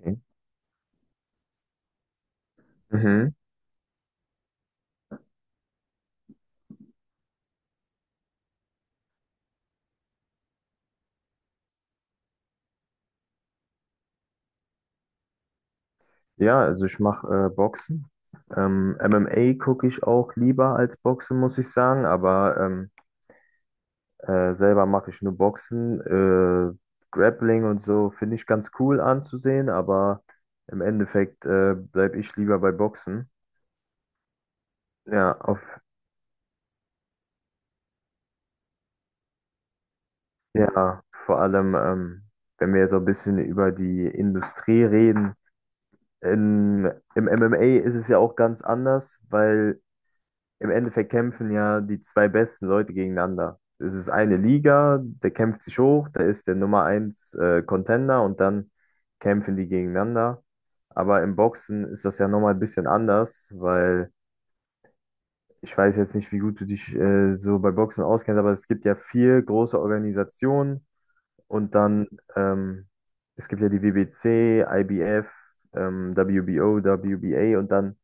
Okay. Mhm. Ja, also ich mache Boxen. MMA gucke ich auch lieber als Boxen, muss ich sagen, aber selber mache ich nur Boxen. Grappling und so finde ich ganz cool anzusehen, aber im Endeffekt bleibe ich lieber bei Boxen. Ja, ja, vor allem, wenn wir jetzt so ein bisschen über die Industrie reden. Im MMA ist es ja auch ganz anders, weil im Endeffekt kämpfen ja die zwei besten Leute gegeneinander. Es ist eine Liga, der kämpft sich hoch, da ist der Nummer eins Contender, und dann kämpfen die gegeneinander. Aber im Boxen ist das ja nochmal ein bisschen anders, weil ich weiß jetzt nicht, wie gut du dich so bei Boxen auskennst, aber es gibt ja vier große Organisationen, und dann ähm, es gibt ja die WBC, IBF, WBO, WBA, und dann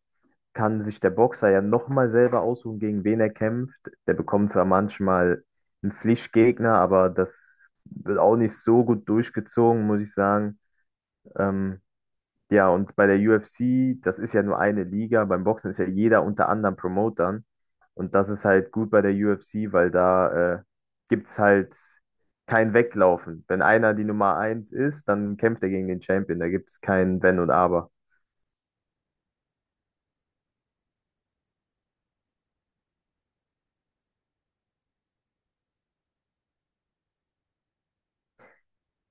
kann sich der Boxer ja nochmal selber aussuchen, gegen wen er kämpft. Der bekommt zwar manchmal einen Pflichtgegner, aber das wird auch nicht so gut durchgezogen, muss ich sagen. Ähm, ja, und bei der UFC, das ist ja nur eine Liga. Beim Boxen ist ja jeder unter anderem Promotern. Und das ist halt gut bei der UFC, weil da gibt es halt kein Weglaufen. Wenn einer die Nummer eins ist, dann kämpft er gegen den Champion. Da gibt es kein Wenn und Aber.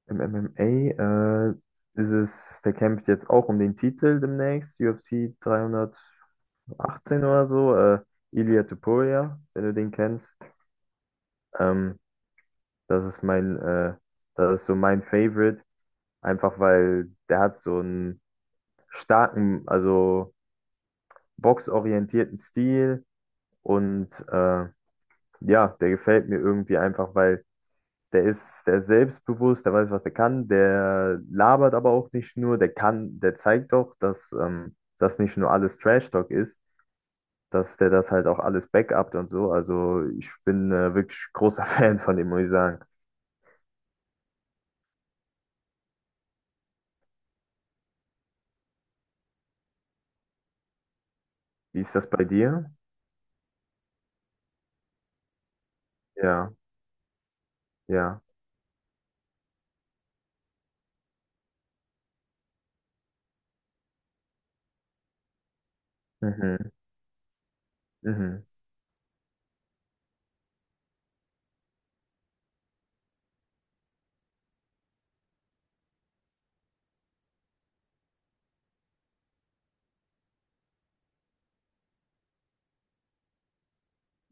Im MMA, ist es, der kämpft jetzt auch um den Titel demnächst, UFC 318 oder so, Ilia Topuria, wenn du den kennst. Ähm, das ist mein, äh, Das ist so mein Favorite, einfach weil der hat so einen starken, also boxorientierten Stil, und ja, der gefällt mir irgendwie einfach, weil der ist selbstbewusst, der weiß, was er kann, der labert aber auch nicht nur, der zeigt auch, dass das nicht nur alles Trash-Talk ist, dass der das halt auch alles backupt und so. Also ich bin wirklich großer Fan von dem, muss ich sagen. Wie ist das bei dir? Ja, ja. Mhm, mhm,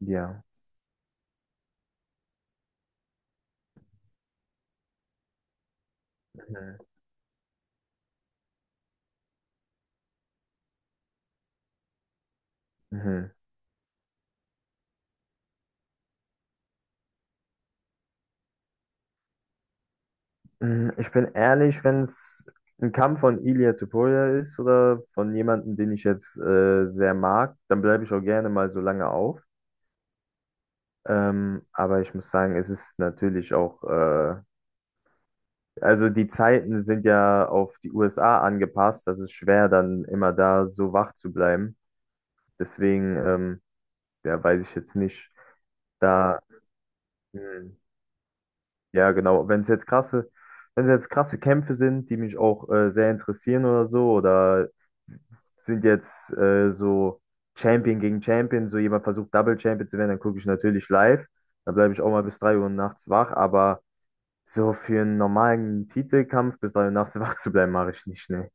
ja. Mhm, mhm. Ich bin ehrlich, wenn es ein Kampf von Ilia Topuria ist oder von jemandem, den ich jetzt sehr mag, dann bleibe ich auch gerne mal so lange auf. Aber ich muss sagen, es ist natürlich auch, also die Zeiten sind ja auf die USA angepasst. Das ist schwer, dann immer da so wach zu bleiben. Deswegen, ja, weiß ich jetzt nicht. Da, mh, ja, genau, wenn es jetzt krasse Kämpfe sind, die mich auch sehr interessieren oder so, oder sind jetzt so Champion gegen Champion, so jemand versucht Double Champion zu werden, dann gucke ich natürlich live. Dann bleibe ich auch mal bis 3 Uhr nachts wach, aber so für einen normalen Titelkampf bis 3 Uhr nachts wach zu bleiben, mache ich nicht, ne.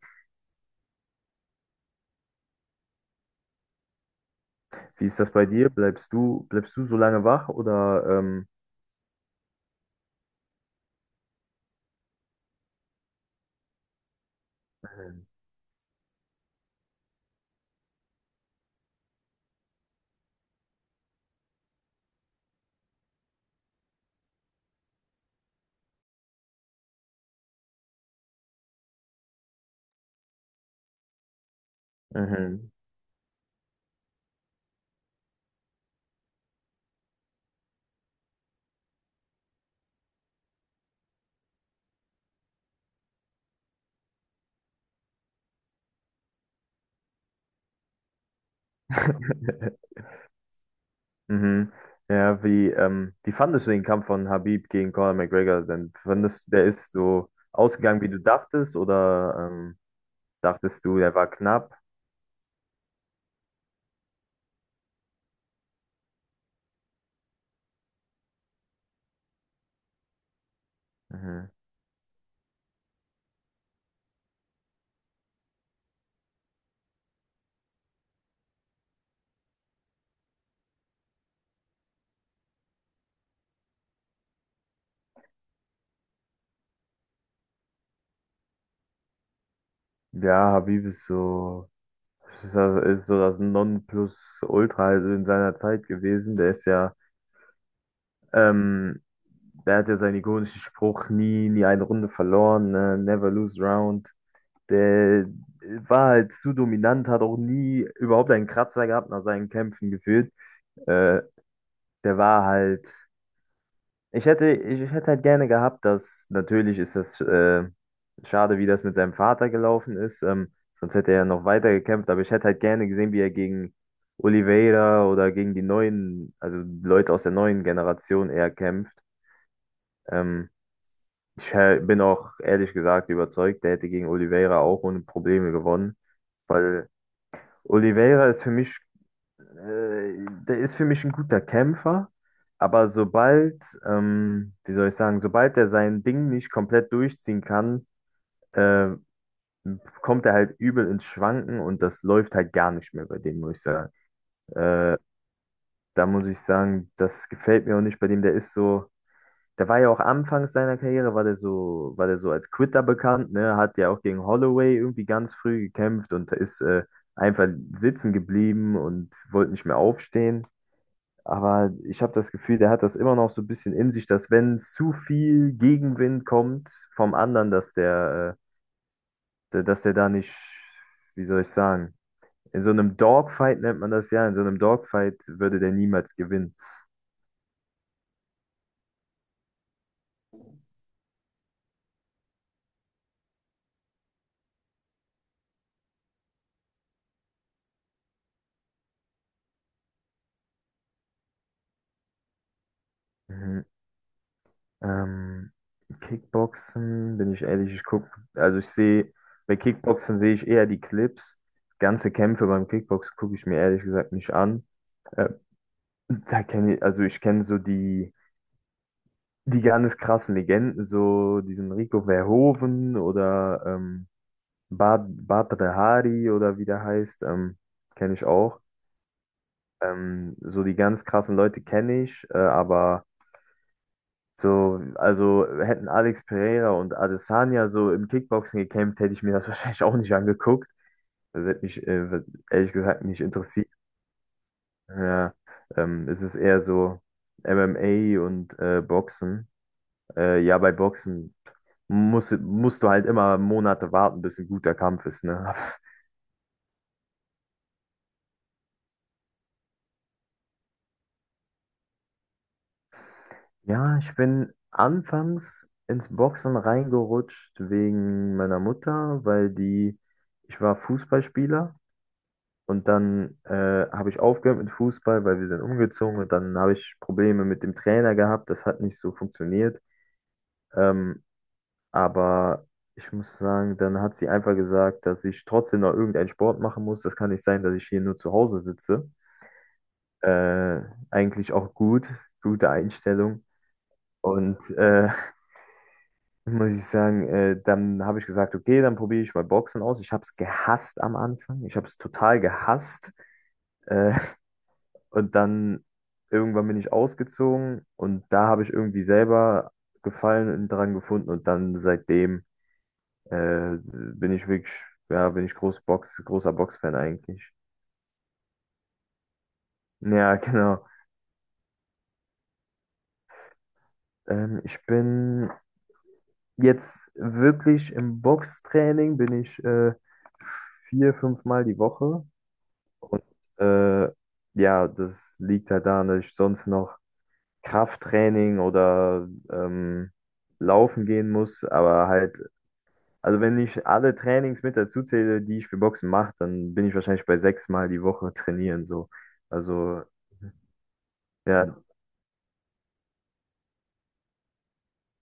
Wie ist das bei dir? Bleibst du so lange wach oder mhm. Mhm. Ja, wie fandest du den Kampf von Habib gegen Conor McGregor denn? Fandest du, der ist so ausgegangen, wie du dachtest, oder dachtest du, der war knapp? Mhm. Ja, Habib ist so das Nonplusultra halt in seiner Zeit gewesen. Ähm, der hat ja seinen ikonischen Spruch, nie eine Runde verloren, ne? Never lose round. Der war halt zu dominant, hat auch nie überhaupt einen Kratzer gehabt nach seinen Kämpfen gefühlt. Äh, der war halt, Ich hätte halt gerne gehabt, dass, natürlich ist das schade, wie das mit seinem Vater gelaufen ist, sonst hätte er ja noch weiter gekämpft, aber ich hätte halt gerne gesehen, wie er gegen Oliveira oder gegen die neuen, also Leute aus der neuen Generation eher kämpft. Ähm, Ich bin auch ehrlich gesagt überzeugt, der hätte gegen Oliveira auch ohne Probleme gewonnen, weil Oliveira ist für mich, der ist für mich ein guter Kämpfer, aber sobald, wie soll ich sagen, sobald er sein Ding nicht komplett durchziehen kann, äh, kommt er halt übel ins Schwanken, und das läuft halt gar nicht mehr bei dem, muss ich sagen. Äh, Da muss ich sagen, das gefällt mir auch nicht bei dem, der ist so. Der war ja auch anfangs seiner Karriere, war der so als Quitter bekannt, ne? Hat ja auch gegen Holloway irgendwie ganz früh gekämpft und ist einfach sitzen geblieben und wollte nicht mehr aufstehen. Aber ich habe das Gefühl, der hat das immer noch so ein bisschen in sich, dass wenn zu viel Gegenwind kommt vom anderen, dass der da nicht, wie soll ich sagen, in so einem Dogfight nennt man das ja, in so einem Dogfight würde der niemals gewinnen. Mhm. Ähm, Kickboxen, bin ich ehrlich, also ich sehe, bei Kickboxen sehe ich eher die Clips. Ganze Kämpfe beim Kickboxen gucke ich mir ehrlich gesagt nicht an. Äh, also ich kenne so die ganz krassen Legenden, so diesen Rico Verhoeven oder Badr Hari oder wie der heißt, kenne ich auch. So die ganz krassen Leute kenne ich, aber. So, also hätten Alex Pereira und Adesanya so im Kickboxen gekämpft, hätte ich mir das wahrscheinlich auch nicht angeguckt. Das hätte mich ehrlich gesagt nicht interessiert. Ja, es ist eher so MMA und Boxen. Ja, bei Boxen musst du halt immer Monate warten, bis ein guter Kampf ist, ne? Ja, ich bin anfangs ins Boxen reingerutscht wegen meiner Mutter, ich war Fußballspieler. Und dann habe ich aufgehört mit Fußball, weil wir sind umgezogen. Und dann habe ich Probleme mit dem Trainer gehabt. Das hat nicht so funktioniert. Ähm, aber ich muss sagen, dann hat sie einfach gesagt, dass ich trotzdem noch irgendeinen Sport machen muss. Das kann nicht sein, dass ich hier nur zu Hause sitze. Äh, Eigentlich auch gut, gute Einstellung. Und äh, Muss ich sagen, dann habe ich gesagt, okay, dann probiere ich mal Boxen aus. Ich habe es gehasst am Anfang. Ich habe es total gehasst. Äh, Und dann irgendwann bin ich ausgezogen, und da habe ich irgendwie selber Gefallen dran gefunden, und dann seitdem äh, bin ich wirklich, ja, bin ich großer Boxfan eigentlich. Ja, genau. Ich bin jetzt wirklich im Boxtraining, bin ich 4, 5 Mal die Woche, und äh, ja, das liegt halt daran, dass ich sonst noch Krafttraining oder laufen gehen muss, aber halt. Also wenn ich alle Trainings mit dazu zähle, die ich für Boxen mache, dann bin ich wahrscheinlich bei 6 Mal die Woche trainieren so. Also ja,